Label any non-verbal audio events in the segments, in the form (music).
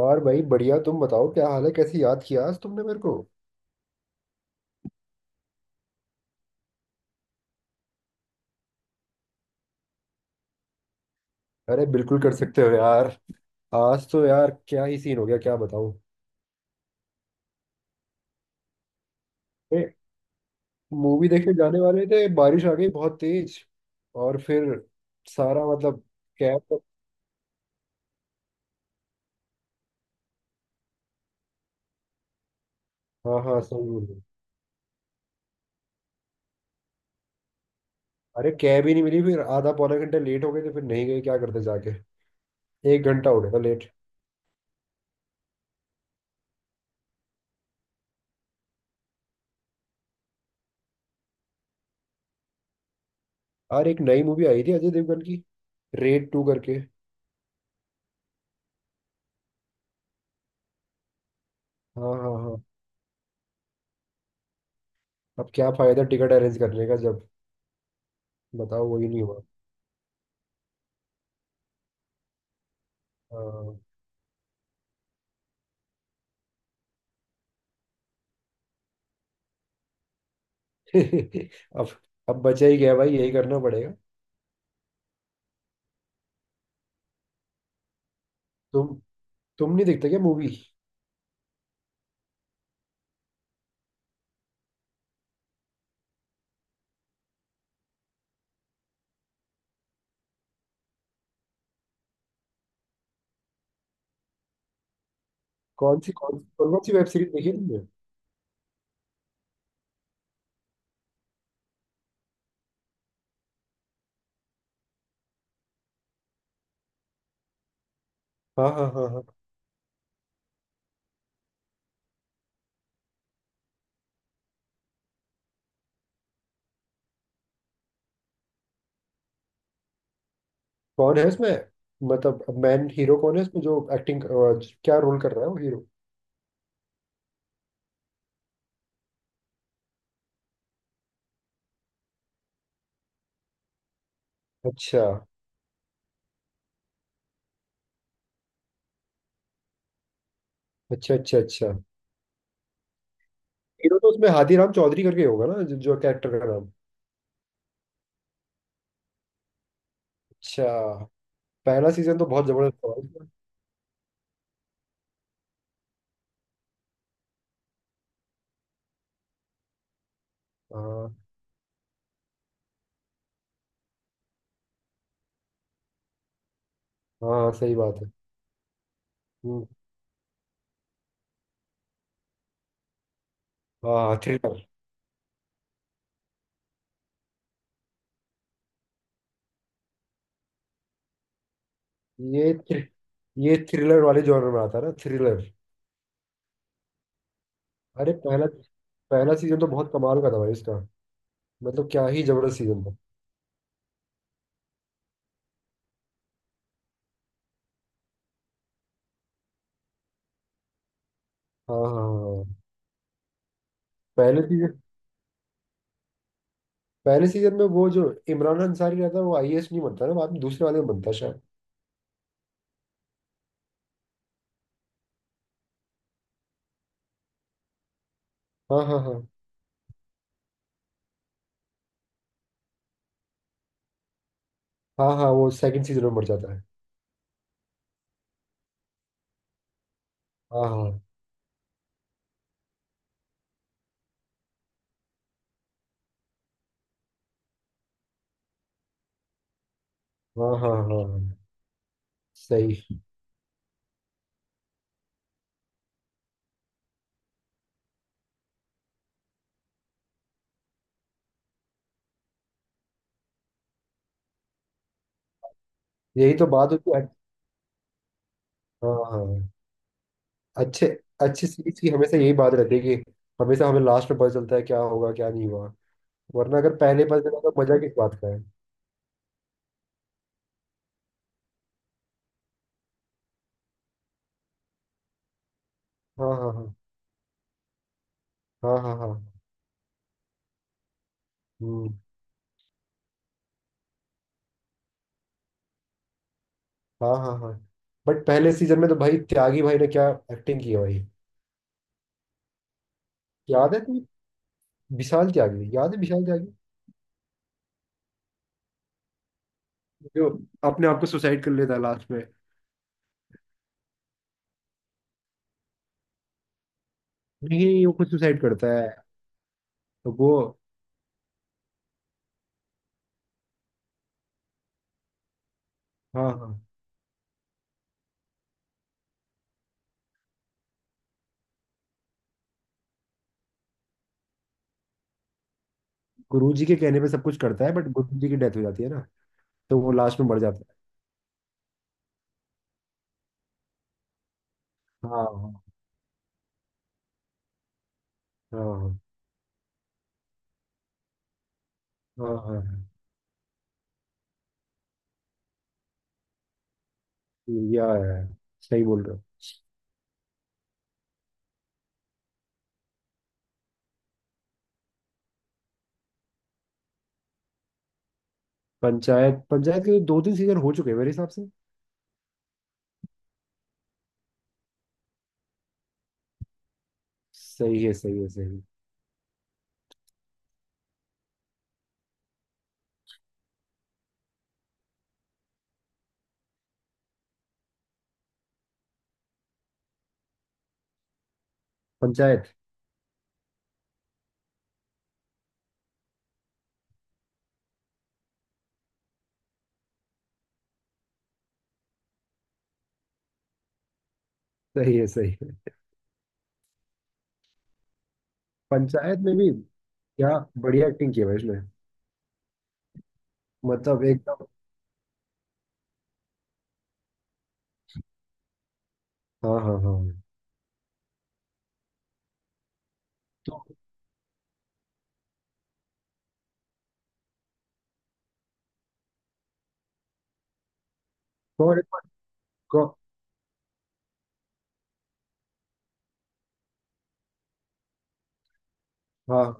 और भाई बढ़िया। तुम बताओ, क्या हाल है? कैसे याद किया आज तुमने मेरे को? अरे बिल्कुल कर सकते हो यार। आज तो यार क्या ही सीन हो गया, क्या बताऊं। ए, मूवी देखने जाने वाले थे, बारिश आ गई बहुत तेज। और फिर सारा मतलब कैब। हाँ हाँ, सही बोल रहे हो। अरे कैब ही नहीं मिली, फिर आधा पौना घंटा लेट हो गए थे, फिर नहीं गए, क्या करते जाके। 1 घंटा हो गया था लेट। और एक नई मूवी आई थी अजय देवगन की, रेड 2 करके। हाँ हाँ हाँ। अब क्या फायदा टिकट अरेंज करने का जब, बताओ, वही नहीं हुआ। हाँ। (laughs) अब अब बचा ही गया भाई, यही करना पड़ेगा। तुम तुम नहीं देखते क्या मूवी? कौन सी वेब सीरीज देखी है तुमने? हाँ हाँ हाँ हाँ। कौन है उसमें? मतलब मैन हीरो कौन है उसमें, जो एक्टिंग, क्या रोल कर रहा है वो हीरो? अच्छा अच्छा अच्छा। अच्छा, हीरो तो उसमें हाथीराम चौधरी करके होगा ना, जो, जो कैरेक्टर का नाम। अच्छा। पहला सीजन तो बहुत जबरदस्त था भाई। हाँ हाँ, सही बात है। हम्म। हाँ थ्रिलर। ये थ्रि, ये थ्रिलर वाले जॉनर में आता है ना, थ्रिलर। अरे पहला पहला सीजन तो बहुत कमाल का था भाई इसका, मतलब क्या ही जबरदस्त सीजन था। हाँ हाँ हाँ। पहले सीजन पहले सीजन में वो जो इमरान अंसारी रहता है, वो आईएएस नहीं बनता ना, बाद में दूसरे वाले में बनता है शायद। हाँ हाँ हाँ हाँ। हाँ, वो सेकंड सीजन में मर जाता है। हाँ हाँ हाँ हाँ हाँ हाँ। सही। यही तो बात होती है। हाँ हाँ। अच्छे, अच्छे सीरीज की हमेशा यही बात रहती है कि हमेशा हमें लास्ट में पता चलता है क्या होगा, क्या नहीं हुआ। वरना अगर पहले पता चला तो मजा किस बात का है। हाँ हाँ हाँ हाँ हाँ हाँ। हम्म। हाँ हाँ हाँ। बट पहले सीजन में तो भाई त्यागी भाई ने क्या एक्टिंग की है भाई। याद है तुम्हें? विशाल त्यागी, याद है विशाल त्यागी, जो अपने आप को सुसाइड कर लेता है लास्ट में। नहीं, वो खुद सुसाइड करता है। तो वो, हाँ हाँ, गुरु जी के कहने पे सब कुछ करता है, बट गुरु जी की डेथ हो जाती है ना, तो वो लास्ट में मर जाता है। हाँ हाँ हाँ हाँ हाँ हाँ। या है, सही बोल रहे हो। पंचायत, पंचायत के दो तीन सीजन हो चुके हैं मेरे हिसाब से। सही है सही है सही है। पंचायत। सही है सही है। पंचायत में भी क्या बढ़िया एक्टिंग की है भाई उसने। मतलब एकदम। हाँ हाँ हाँ। तो कौन कौन। हाँ,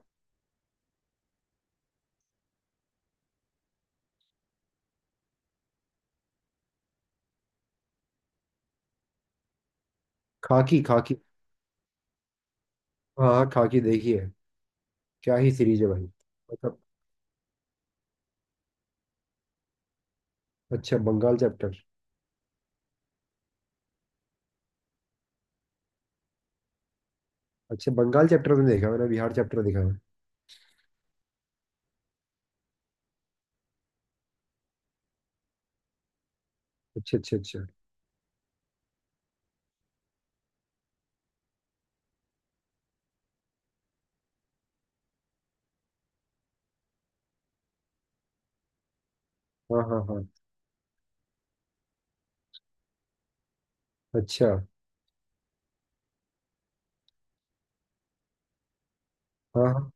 खाकी खाकी। हाँ हाँ, खाकी देखी है। क्या ही सीरीज है भाई, मतलब। अच्छा, बंगाल चैप्टर। अच्छा, बंगाल चैप्टर तो नहीं देखा मैंने, बिहार चैप्टर देखा है। अच्छा अच्छा अच्छा। हाँ हाँ हाँ। अच्छा। हाँ हाँ।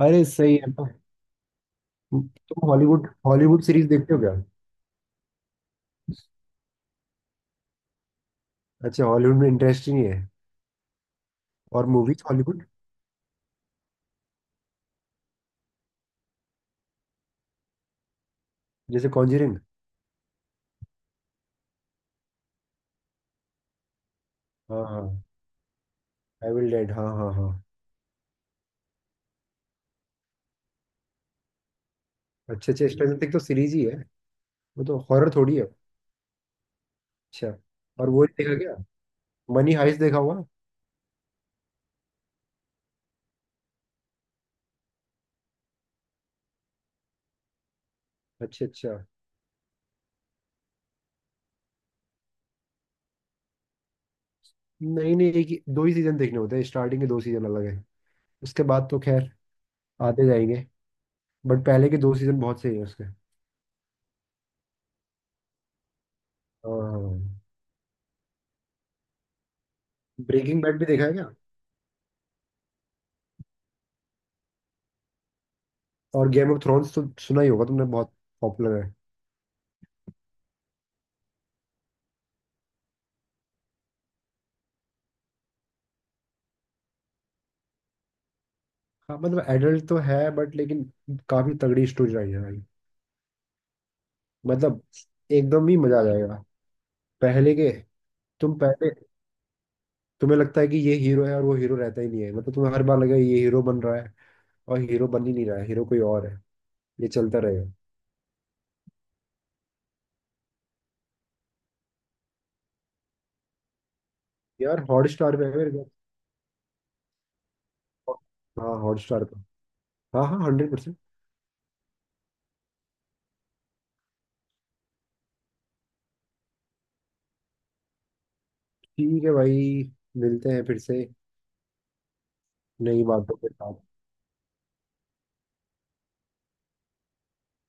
अरे सही है। तो तुम हॉलीवुड हॉलीवुड सीरीज देखते हो क्या? अच्छा, हॉलीवुड में इंटरेस्ट ही नहीं है। और मूवीज हॉलीवुड। जैसे कॉन्जरिंग। हाँ हाँ, आई विल डेड, हाँ हाँ हाँ। अच्छा अच्छा, स्ट्रेंजर थिंग्स तो सीरीज ही है, वो तो हॉरर थोड़ी है। अच्छा। और वो नहीं देखा क्या, मनी हाइस्ट देखा हुआ? अच्छा अच्छा। नहीं नहीं, एक ही दो ही सीजन देखने होते हैं, स्टार्टिंग के दो सीजन अलग है, उसके बाद तो खैर आते जाएंगे। बट पहले के दो सीजन बहुत सही है उसके। हाँ। ब्रेकिंग बैड भी देखा है क्या? और गेम ऑफ थ्रोन्स तो सुना ही होगा तुमने, बहुत पॉपुलर है। हाँ, मतलब एडल्ट तो है बट लेकिन काफी तगड़ी स्टोरी लाइन है भाई, मतलब एकदम ही मजा आ जाएगा। पहले के तुम पहले तुम्हें लगता है कि ये हीरो है और वो हीरो रहता ही नहीं है, मतलब तुम्हें हर बार लगेगा ये हीरो बन रहा है और हीरो बन ही नहीं रहा है, हीरो कोई और है, ये चलता रहेगा। यार हॉट स्टार पे है मेरे को। हाँ, हॉट स्टार पे। हाँ हाँ, 100%। ठीक है भाई, मिलते हैं फिर से नई बातों के साथ।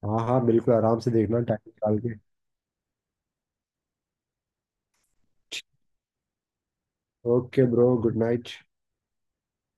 हाँ हाँ बिल्कुल, आराम से देखना टाइम निकाल के। Okay bro, good night.